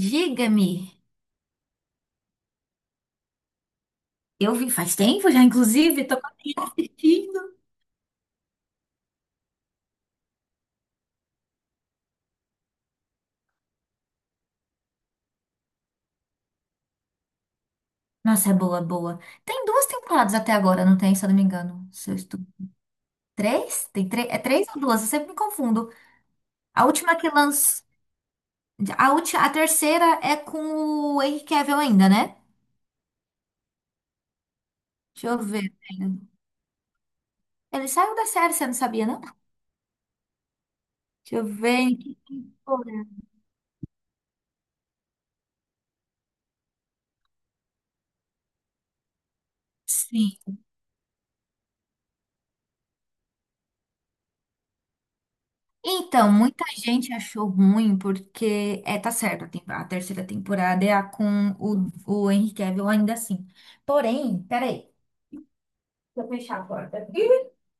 Diga-me, eu vi faz tempo já, inclusive, tô curtindo. Nossa, é boa, boa. Tem duas temporadas até agora, não tem, se eu não me engano. Se eu estou... Três? Tem três? É três ou duas? Eu sempre me confundo. A última que lança. A, a terceira é com o Henry Cavill ainda, né? Deixa eu ver. Ele saiu da série, você não sabia, não? Deixa eu ver em que. Sim. Então, muita gente achou ruim porque é, tá certo, a terceira temporada é a com o Henry Cavill ainda assim. Porém, peraí, deixa eu fechar a porta.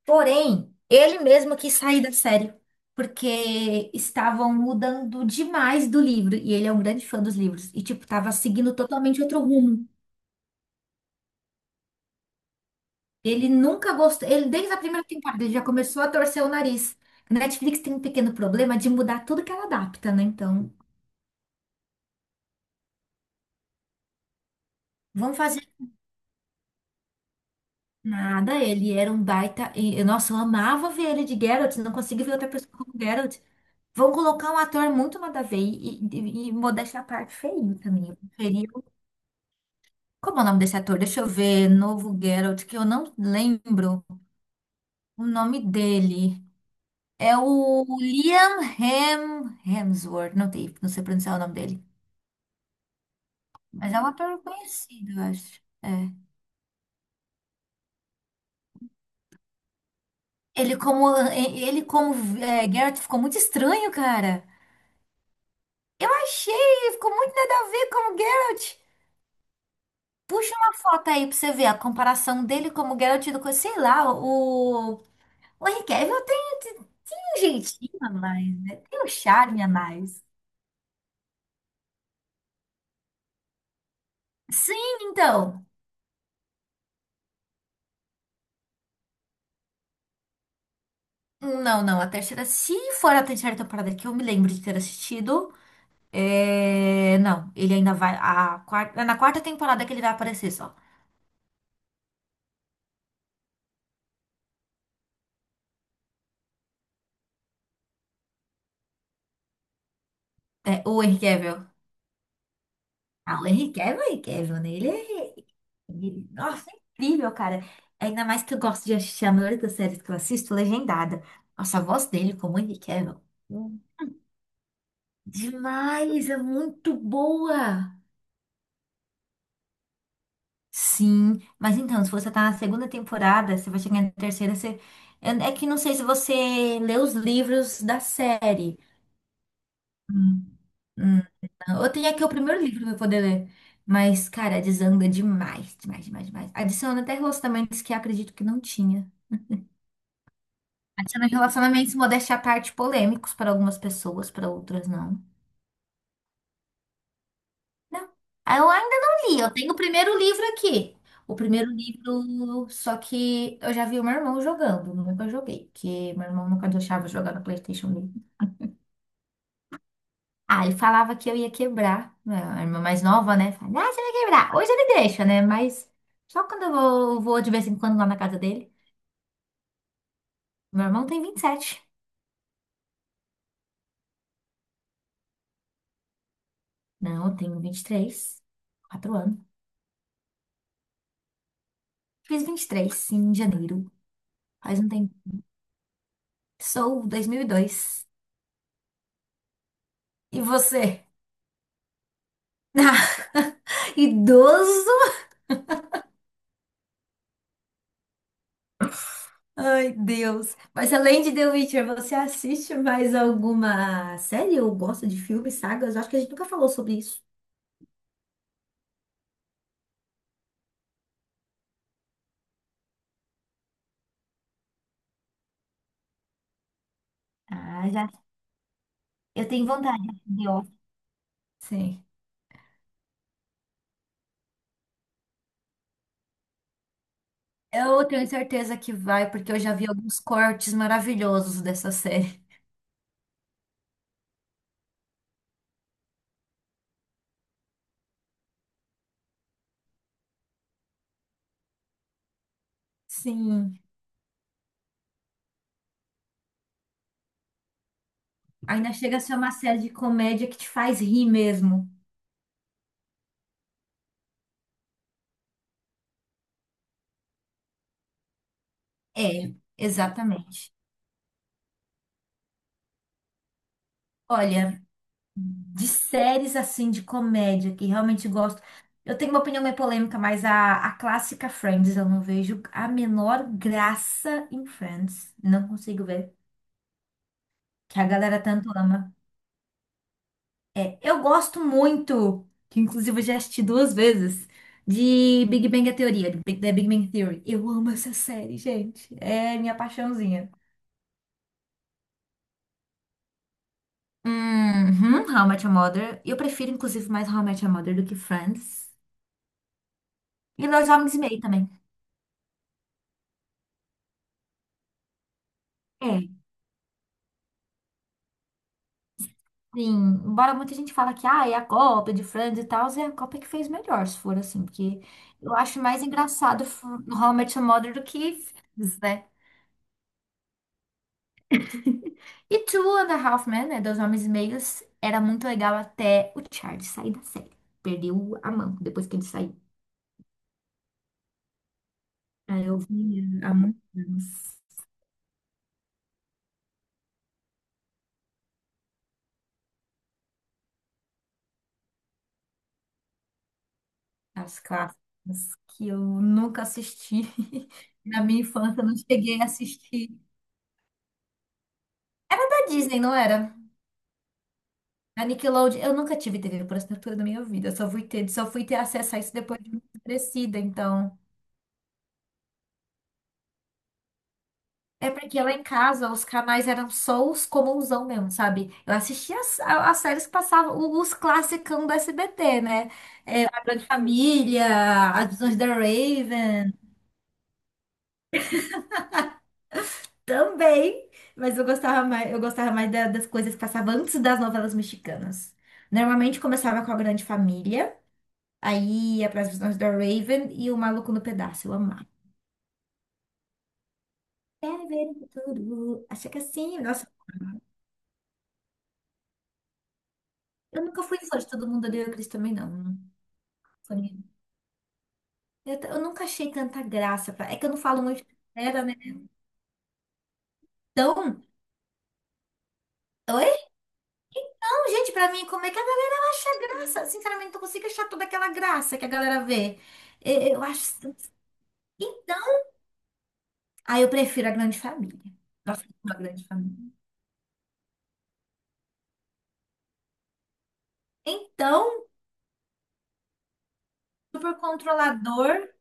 Porém, ele mesmo quis sair da série porque estavam mudando demais do livro, e ele é um grande fã dos livros e tipo tava seguindo totalmente outro rumo. Ele nunca gostou, ele desde a primeira temporada ele já começou a torcer o nariz. A Netflix tem um pequeno problema de mudar tudo que ela adapta, né? Então, vamos fazer nada, ele era um baita. Nossa, eu amava ver ele de Geralt, não consigo ver outra pessoa como Geralt. Vão colocar um ator muito nada a ver e modéstia à parte feio também. Eu preferia. Como é o nome desse ator? Deixa eu ver. Novo Geralt, que eu não lembro o nome dele. É o Liam Hemsworth, não, tem, não sei pronunciar o nome dele. Mas é um ator conhecido, eu acho. É. Ele como é, Geralt ficou muito estranho, cara. Eu achei, ficou muito nada a ver como Geralt. Puxa uma foto aí pra você ver a comparação dele como Geralt do que, sei lá, o. O Henry Cavill tem, tem um jeitinho a mais, né? Tem um charme a mais. Sim, então. Não, não, a terceira, se for a terceira temporada que eu me lembro de ter assistido, é... não, ele ainda vai. A quarta, é na quarta temporada que ele vai aparecer só. É, o Henry Cavill. Ah, o Henry Cavill, é o Henry Cavill, né? Ele é. E, nossa, é incrível, cara. Ainda mais que eu gosto de assistir a maioria das séries que eu assisto legendada. Nossa, a voz dele, como ele quer, meu. Hum, Demais, é muito boa. Sim, mas então, se você tá na segunda temporada, você vai chegar na terceira, você... É que não sei se você lê os livros da série. Hum. Hum, não. Eu tenho aqui o primeiro livro pra eu poder ler. Mas, cara, desanda demais, demais, demais, demais. Adiciona até relacionamentos que eu acredito que não tinha. Adicionando relacionamentos modéstia à parte polêmicos para algumas pessoas, para outras não. Não. Ah, eu ainda não li, eu tenho o primeiro livro aqui. O primeiro livro, só que eu já vi o meu irmão jogando, nunca joguei, porque meu irmão nunca deixava eu jogar no PlayStation dele. Ah, ele falava que eu ia quebrar, né, a irmã mais nova, né? Falava, ah, você vai quebrar. Hoje ele deixa, né? Mas só quando eu vou de vez em quando lá na casa dele. Meu irmão tem 27. Não, eu tenho 23 4 anos. Fiz 23 em janeiro. Faz um tempo. Sou 2002. E você? Idoso? Ai, Deus. Mas além de The Witcher, você assiste mais alguma série ou gosta de filmes, sagas? Eu acho que a gente nunca falou sobre isso. Ah, já. Eu tenho vontade de ó. Sim. Eu tenho certeza que vai, porque eu já vi alguns cortes maravilhosos dessa série. Sim. Ainda chega a ser uma série de comédia que te faz rir mesmo. É, exatamente. Olha, de séries assim de comédia que realmente gosto. Eu tenho uma opinião meio polêmica, mas a clássica Friends, eu não vejo a menor graça em Friends. Não consigo ver. Que a galera tanto ama. É, eu gosto muito, que inclusive eu já assisti duas vezes, de Big Bang Theory, de The Big Bang Theory. Eu amo essa série, gente. É minha paixãozinha. Uhum, How I Met Your Mother. Eu prefiro, inclusive, mais How I Met Your Mother do que Friends. E Dois Homens e Meio também. Sim, embora muita gente fala que ah, é a Copa de Friends e tal, é a Copa que fez melhor, se for assim, porque eu acho mais engraçado How I Met Your Mother do que Friends, né? E Two and a Half Men, né, Dois Homens e Meios, era muito legal até o Charlie sair da série. Perdeu a mão depois que ele saiu. Aí eu vi há muitos anos as clássicas que eu nunca assisti. Na minha infância eu não cheguei a assistir. Era da Disney, não era? A Nickelodeon, eu nunca tive TV por assinatura na minha vida. Eu só fui ter acesso a isso depois de muito crescida, então. É porque lá em casa os canais eram só os comunsão mesmo, sabe? Eu assistia as, as séries que passavam, os classicão do SBT, né? A Grande Família, As Visões da Raven, também. Mas eu gostava mais das coisas que passavam antes das novelas mexicanas. Normalmente começava com a Grande Família, aí ia para As Visões da Raven e o Maluco no Pedaço. Eu amava. Quer ver tudo? Acha que assim, nossa, eu nunca fui fã de Todo Mundo Odeia o Chris também, não. Não foi minha. Eu nunca achei tanta graça. É que eu não falo muito era, né? Então, oi? Não, gente, pra mim, como é que a galera acha graça? Sinceramente, não consigo achar toda aquela graça que a galera vê. Eu acho. Então, aí eu prefiro a grande família. Nossa, eu amo a grande família. Então, super controlador.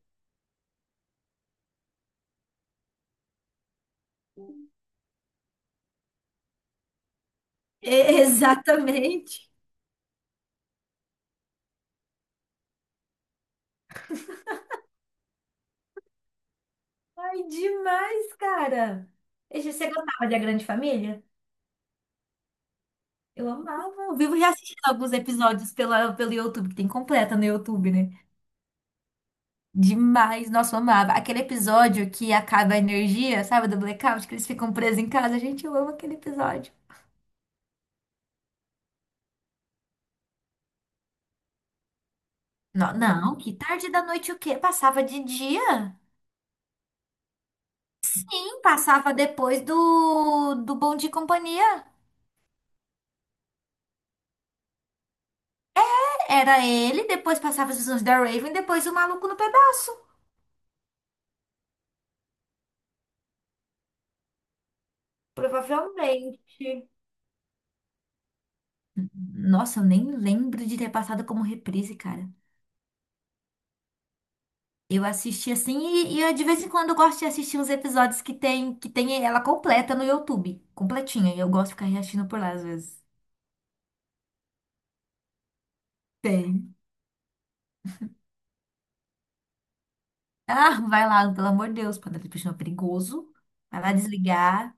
E- Exatamente. Ai, demais, cara. E você gostava de A Grande Família? Eu amava. Eu vivo reassistindo alguns episódios pela, pelo YouTube, que tem completa no YouTube, né? Demais. Nossa, eu amava. Aquele episódio que acaba a energia, sabe, do blackout, que eles ficam presos em casa. Gente, eu amo aquele episódio. Não, não, que tarde da noite o quê? Passava de dia? Sim, passava depois do, do Bom Dia e Companhia. Era ele, depois passava as visões da Raven, depois o maluco no pedaço. Provavelmente. Nossa, eu nem lembro de ter passado como reprise, cara. Eu assisti assim e de vez em quando eu gosto de assistir uns episódios que tem ela completa no YouTube, completinha. E eu gosto de ficar reassistindo por lá às vezes. Tem. Ah, vai lá, pelo amor de Deus, para dar é perigoso. Vai lá desligar.